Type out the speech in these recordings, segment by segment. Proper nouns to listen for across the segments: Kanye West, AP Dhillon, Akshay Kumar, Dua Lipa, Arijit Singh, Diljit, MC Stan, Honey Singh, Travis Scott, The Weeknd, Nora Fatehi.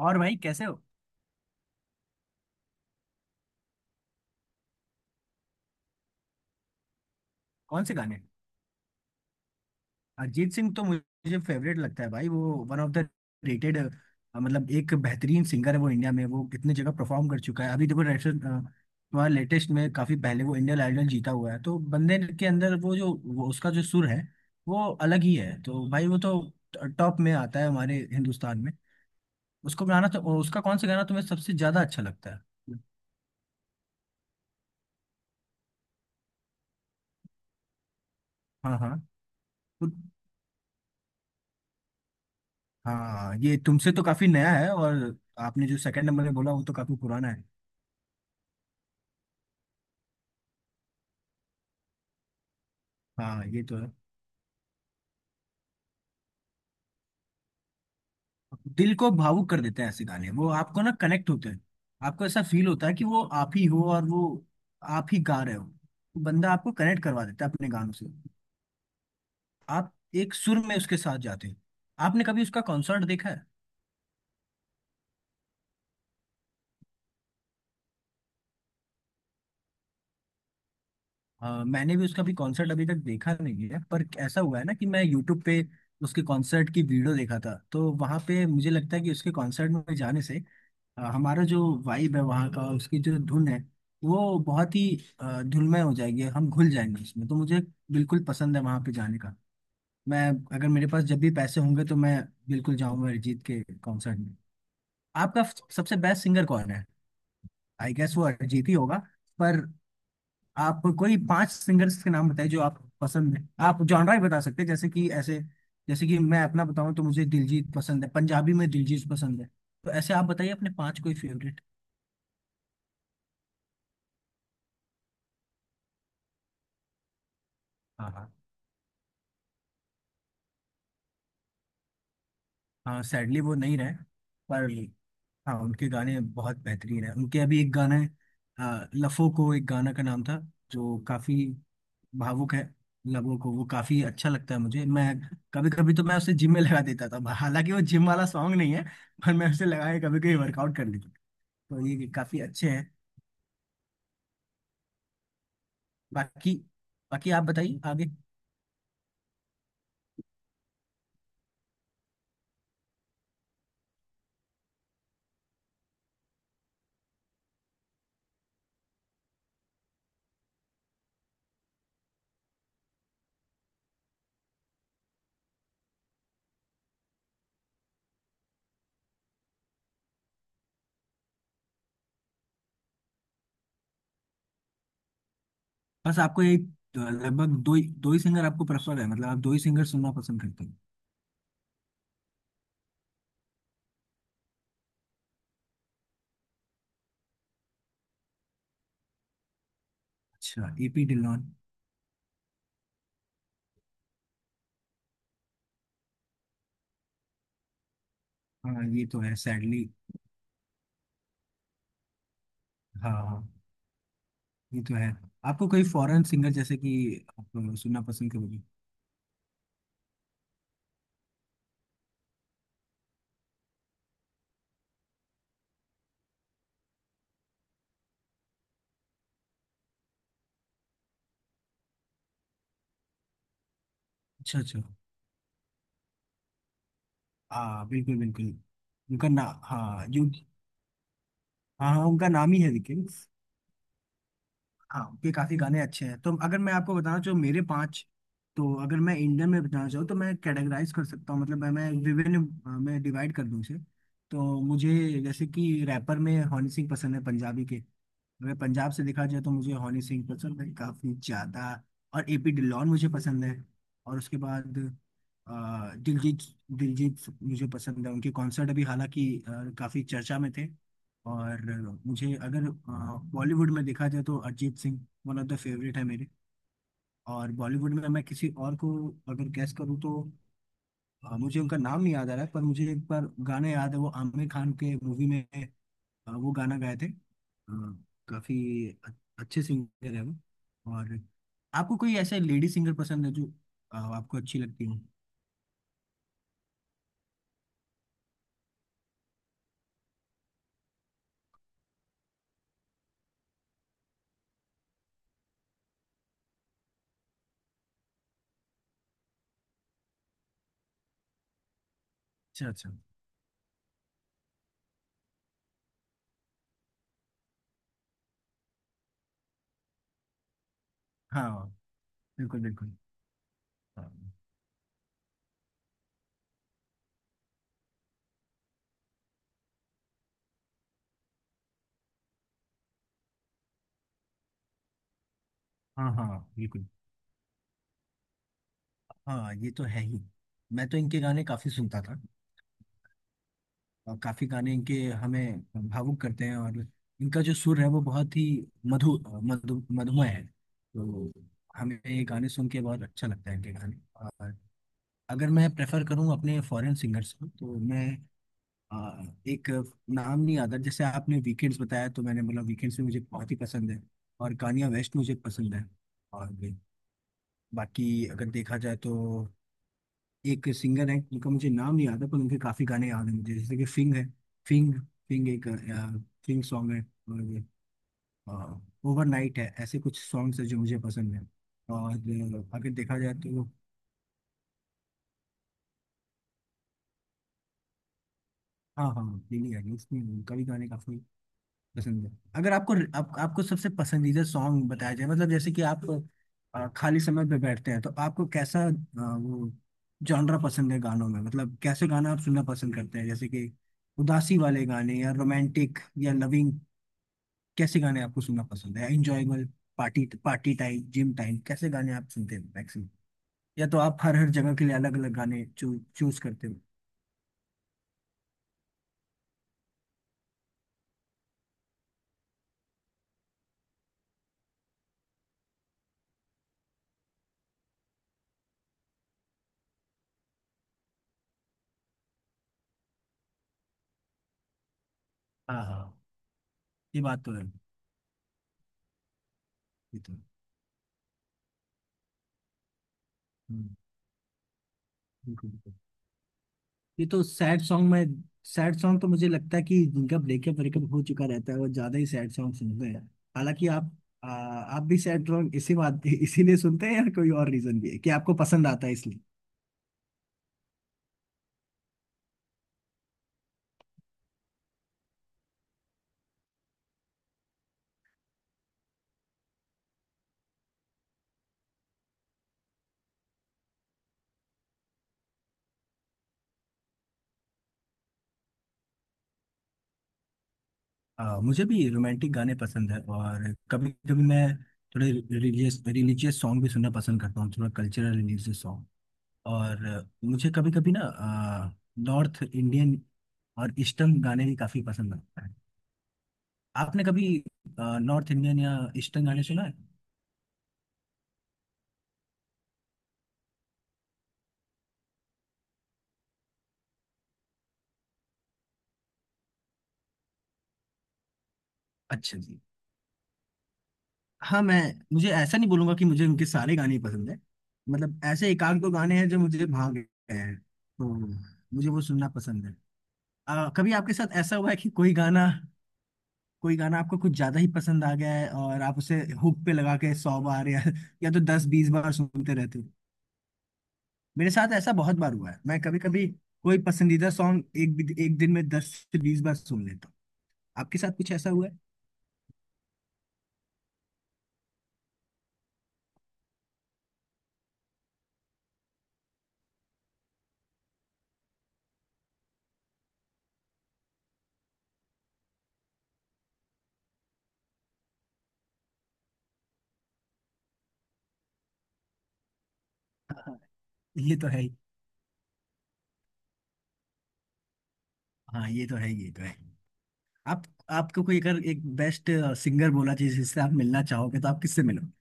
और भाई, कैसे हो। कौन से गाने। अरिजीत सिंह तो मुझे फेवरेट लगता है भाई। वो वन ऑफ द रेटेड, मतलब एक बेहतरीन सिंगर है वो इंडिया में। वो कितने जगह परफॉर्म कर चुका है। अभी देखो, रेसेंट तुम्हारा लेटेस्ट में, काफी पहले वो इंडियन आइडल जीता हुआ है। तो बंदे के अंदर वो जो वो उसका जो सुर है वो अलग ही है। तो भाई वो तो टॉप में आता है हमारे हिंदुस्तान में। उसको गाना, तो उसका कौन सा गाना तुम्हें सबसे ज्यादा अच्छा लगता है। हाँ हाँ। तो- हाँ, ये तुमसे तो काफी नया है। और आपने जो सेकंड नंबर में बोला वो तो काफी पुराना है। हाँ, ये तो है। दिल को भावुक कर देते हैं ऐसे गाने। वो आपको ना कनेक्ट होते हैं। आपको ऐसा फील होता है कि वो आप ही हो और वो आप ही गा रहे हो। तो बंदा आपको कनेक्ट करवा देता है अपने गानों से। आप एक सुर में उसके साथ जाते हो। आपने कभी उसका कॉन्सर्ट देखा है। मैंने भी उसका भी कॉन्सर्ट अभी तक देखा नहीं है, पर ऐसा हुआ है ना कि मैं यूट्यूब पे उसके कॉन्सर्ट की वीडियो देखा था। तो वहां पे मुझे लगता है कि उसके कॉन्सर्ट में जाने से हमारा जो वाइब है वहाँ का, उसकी जो धुन है वो बहुत ही धुनमय हो जाएगी। हम घुल जाएंगे उसमें। तो मुझे बिल्कुल पसंद है वहाँ पे जाने का। मैं, अगर मेरे पास जब भी पैसे होंगे तो मैं बिल्कुल जाऊंगा अरिजीत के कॉन्सर्ट में। आपका सबसे बेस्ट सिंगर कौन है। आई गेस वो अरिजीत ही होगा। पर आप कोई पांच सिंगर्स के नाम बताइए जो आप पसंद है। आप जॉनरा ही बता सकते हैं, जैसे कि ऐसे, जैसे कि मैं अपना बताऊं तो मुझे दिलजीत पसंद है, पंजाबी में दिलजीत पसंद है। तो ऐसे आप बताइए अपने पांच कोई फेवरेट। हाँ, हाँ सैडली वो नहीं रहे। पर हाँ, उनके गाने बहुत बेहतरीन है। उनके अभी एक गाना है, लफो को, एक गाना का नाम था जो काफी भावुक है। लबों को, वो काफी अच्छा लगता है मुझे। मैं कभी कभी तो मैं उसे जिम में लगा देता था। हालांकि वो जिम वाला सॉन्ग नहीं है, पर मैं उसे लगा के कभी कभी वर्कआउट कर लेता था। तो ये काफी अच्छे हैं। बाकी, बाकी आप बताइए आगे। बस, आपको एक, लगभग दो ही सिंगर आपको प्रेफर है। मतलब आप दो ही सिंगर सुनना पसंद करते हैं। अच्छा एपी डिलॉन। हाँ, ये तो है सैडली। हाँ हाँ, ये तो है। आपको कोई फॉरेन सिंगर जैसे कि आप सुनना पसंद करोगे। अच्छा अच्छा। हाँ बिल्कुल बिल्कुल। उनका ना, हाँ जो, हाँ हाँ, उनका नाम ही है लेकिन। हाँ, उनके काफी गाने अच्छे हैं। तो अगर मैं आपको बताना चाहूँ मेरे पाँच, तो अगर मैं इंडियन में बताना चाहूँ तो मैं कैटेगराइज कर सकता हूँ। मतलब मैं विभिन्न, मैं डिवाइड कर दूँ उसे। तो मुझे, जैसे कि रैपर में हनी सिंह पसंद है, पंजाबी के। अगर पंजाब से देखा जाए तो मुझे हनी सिंह पसंद है काफी ज्यादा। और एपी डिलॉन मुझे पसंद है। और उसके बाद अ, दिलजीत, दिलजीत मुझे पसंद है। उनके कॉन्सर्ट अभी हालांकि काफी चर्चा में थे। और मुझे अगर बॉलीवुड में देखा जाए तो Arijit Singh one of the favourite है मेरे। और बॉलीवुड में मैं किसी और को अगर गैस करूँ तो मुझे उनका नाम नहीं याद आ रहा है, पर मुझे एक बार गाने याद है। वो आमिर खान के मूवी में वो गाना गाए थे। काफी अ- अच्छे सिंगर है वो। और आपको कोई ऐसे लेडी सिंगर पसंद है जो आपको अच्छी लगती हो। अच्छा अच्छा। हाँ बिल्कुल बिल्कुल। हाँ। हाँ हाँ बिल्कुल। हाँ, ये तो है ही। मैं तो इनके गाने काफी सुनता था। और काफी गाने इनके हमें भावुक करते हैं। और इनका जो सुर है वो बहुत ही मधु मधु मधुमय है। तो हमें ये गाने सुन के बहुत अच्छा लगता है इनके गाने। अगर मैं प्रेफर करूं अपने फॉरेन सिंगर्स को तो मैं, आ, एक नाम नहीं आता। जैसे आपने वीकेंड्स बताया तो मैंने बोला वीकेंड्स भी मुझे बहुत ही पसंद है। और कान्या वेस्ट मुझे पसंद है। और भी बाकी, अगर देखा जाए तो, एक सिंगर है उनका मुझे नाम नहीं आता, पर उनके काफ़ी गाने याद हैं मुझे। जैसे कि फिंग है, फिंग, फिंग एक फिंग सॉन्ग है। और ओवरनाइट है, ऐसे कुछ सॉन्ग्स है जो मुझे पसंद है। और अगर देखा जाए तो, हाँ हाँ। नहीं नहीं, उसमें उनका भी गाने काफ़ी पसंद है। अगर आपको आपको सबसे पसंदीदा सॉन्ग बताया जाए मतलब, जैसे कि आप खाली समय पे बैठते हैं तो आपको कैसा, वो जॉनरा पसंद है गानों में। मतलब कैसे गाना आप सुनना पसंद करते हैं, जैसे कि उदासी वाले गाने या रोमांटिक या लविंग, कैसे गाने आपको सुनना पसंद है? Enjoyable, party party time, gym time, कैसे गाने आप सुनते हैं मैक्सिमम। या तो आप हर हर जगह के लिए अलग अलग गाने चूज करते हो। हाँ हाँ, ये बात तो है। ये तो है। हम्म, बिल्कुल बिल्कुल। ये तो, सैड सॉन्ग में, सैड सॉन्ग तो मुझे लगता है कि जिनका ब्रेकअप ब्रेकअप हो चुका रहता है वो ज्यादा ही सैड सॉन्ग सुनते हैं। हालांकि आप, आप भी सैड सॉन्ग इसी बात इसीलिए सुनते हैं, या कोई और रीजन भी है कि आपको पसंद आता है इसलिए? मुझे भी रोमांटिक गाने पसंद है। और कभी कभी मैं थोड़े रिलीजियस रिलीजियस सॉन्ग भी सुनना पसंद करता हूँ, थोड़ा कल्चरल रिलीजियस सॉन्ग। और मुझे कभी कभी ना, नॉर्थ इंडियन और ईस्टर्न गाने भी काफी पसंद आता है। आपने कभी नॉर्थ इंडियन या ईस्टर्न गाने सुना है? अच्छा जी। हाँ मैं, मुझे ऐसा नहीं बोलूंगा कि मुझे उनके सारे गाने ही पसंद है। मतलब ऐसे एक आध दो गाने हैं जो मुझे भाग गए हैं, तो मुझे वो सुनना पसंद है। कभी आपके साथ ऐसा हुआ है कि कोई गाना, कोई गाना आपको कुछ ज्यादा ही पसंद आ गया है और आप उसे हुक पे लगा के 100 बार, या तो 10-20 बार सुनते रहते हो? मेरे साथ ऐसा बहुत बार हुआ है। मैं कभी कभी कोई पसंदीदा सॉन्ग एक दिन में 10 से 20 बार सुन लेता हूँ। आपके साथ कुछ ऐसा हुआ है? हाँ, ये तो है ही। हाँ ये तो है ही, ये तो है। आप, आपको कोई अगर एक बेस्ट सिंगर बोला चाहिए जिससे आप मिलना चाहोगे तो आप किससे मिलोगे?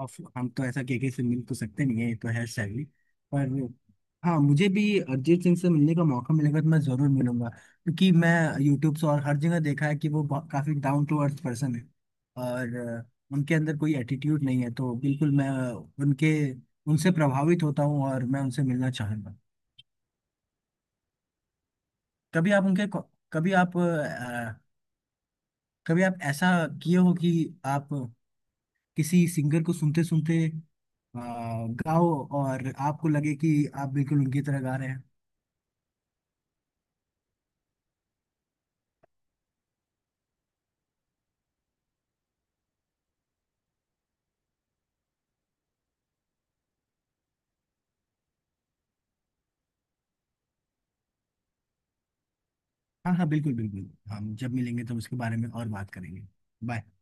ऑफ हम तो ऐसा केके से मिल तो सकते नहीं है, ये तो है शैली। पर हाँ, मुझे भी अरिजीत सिंह से मिलने का मौका मिलेगा तो मैं जरूर मिलूंगा, क्योंकि मैं यूट्यूब से और हर जगह देखा है कि वो काफी डाउन टू अर्थ पर्सन है। और उनके अंदर कोई एटीट्यूड नहीं है। तो बिल्कुल मैं उनके, उनसे प्रभावित होता हूँ और मैं उनसे मिलना चाहूंगा। कभी आप उनके कभी आप कभी आप ऐसा किए हो कि आप किसी सिंगर को सुनते सुनते गाओ, और आपको लगे कि आप बिल्कुल उनकी तरह गा रहे हैं। हाँ हाँ बिल्कुल बिल्कुल, हम जब मिलेंगे तो उसके बारे में और बात करेंगे। बाय।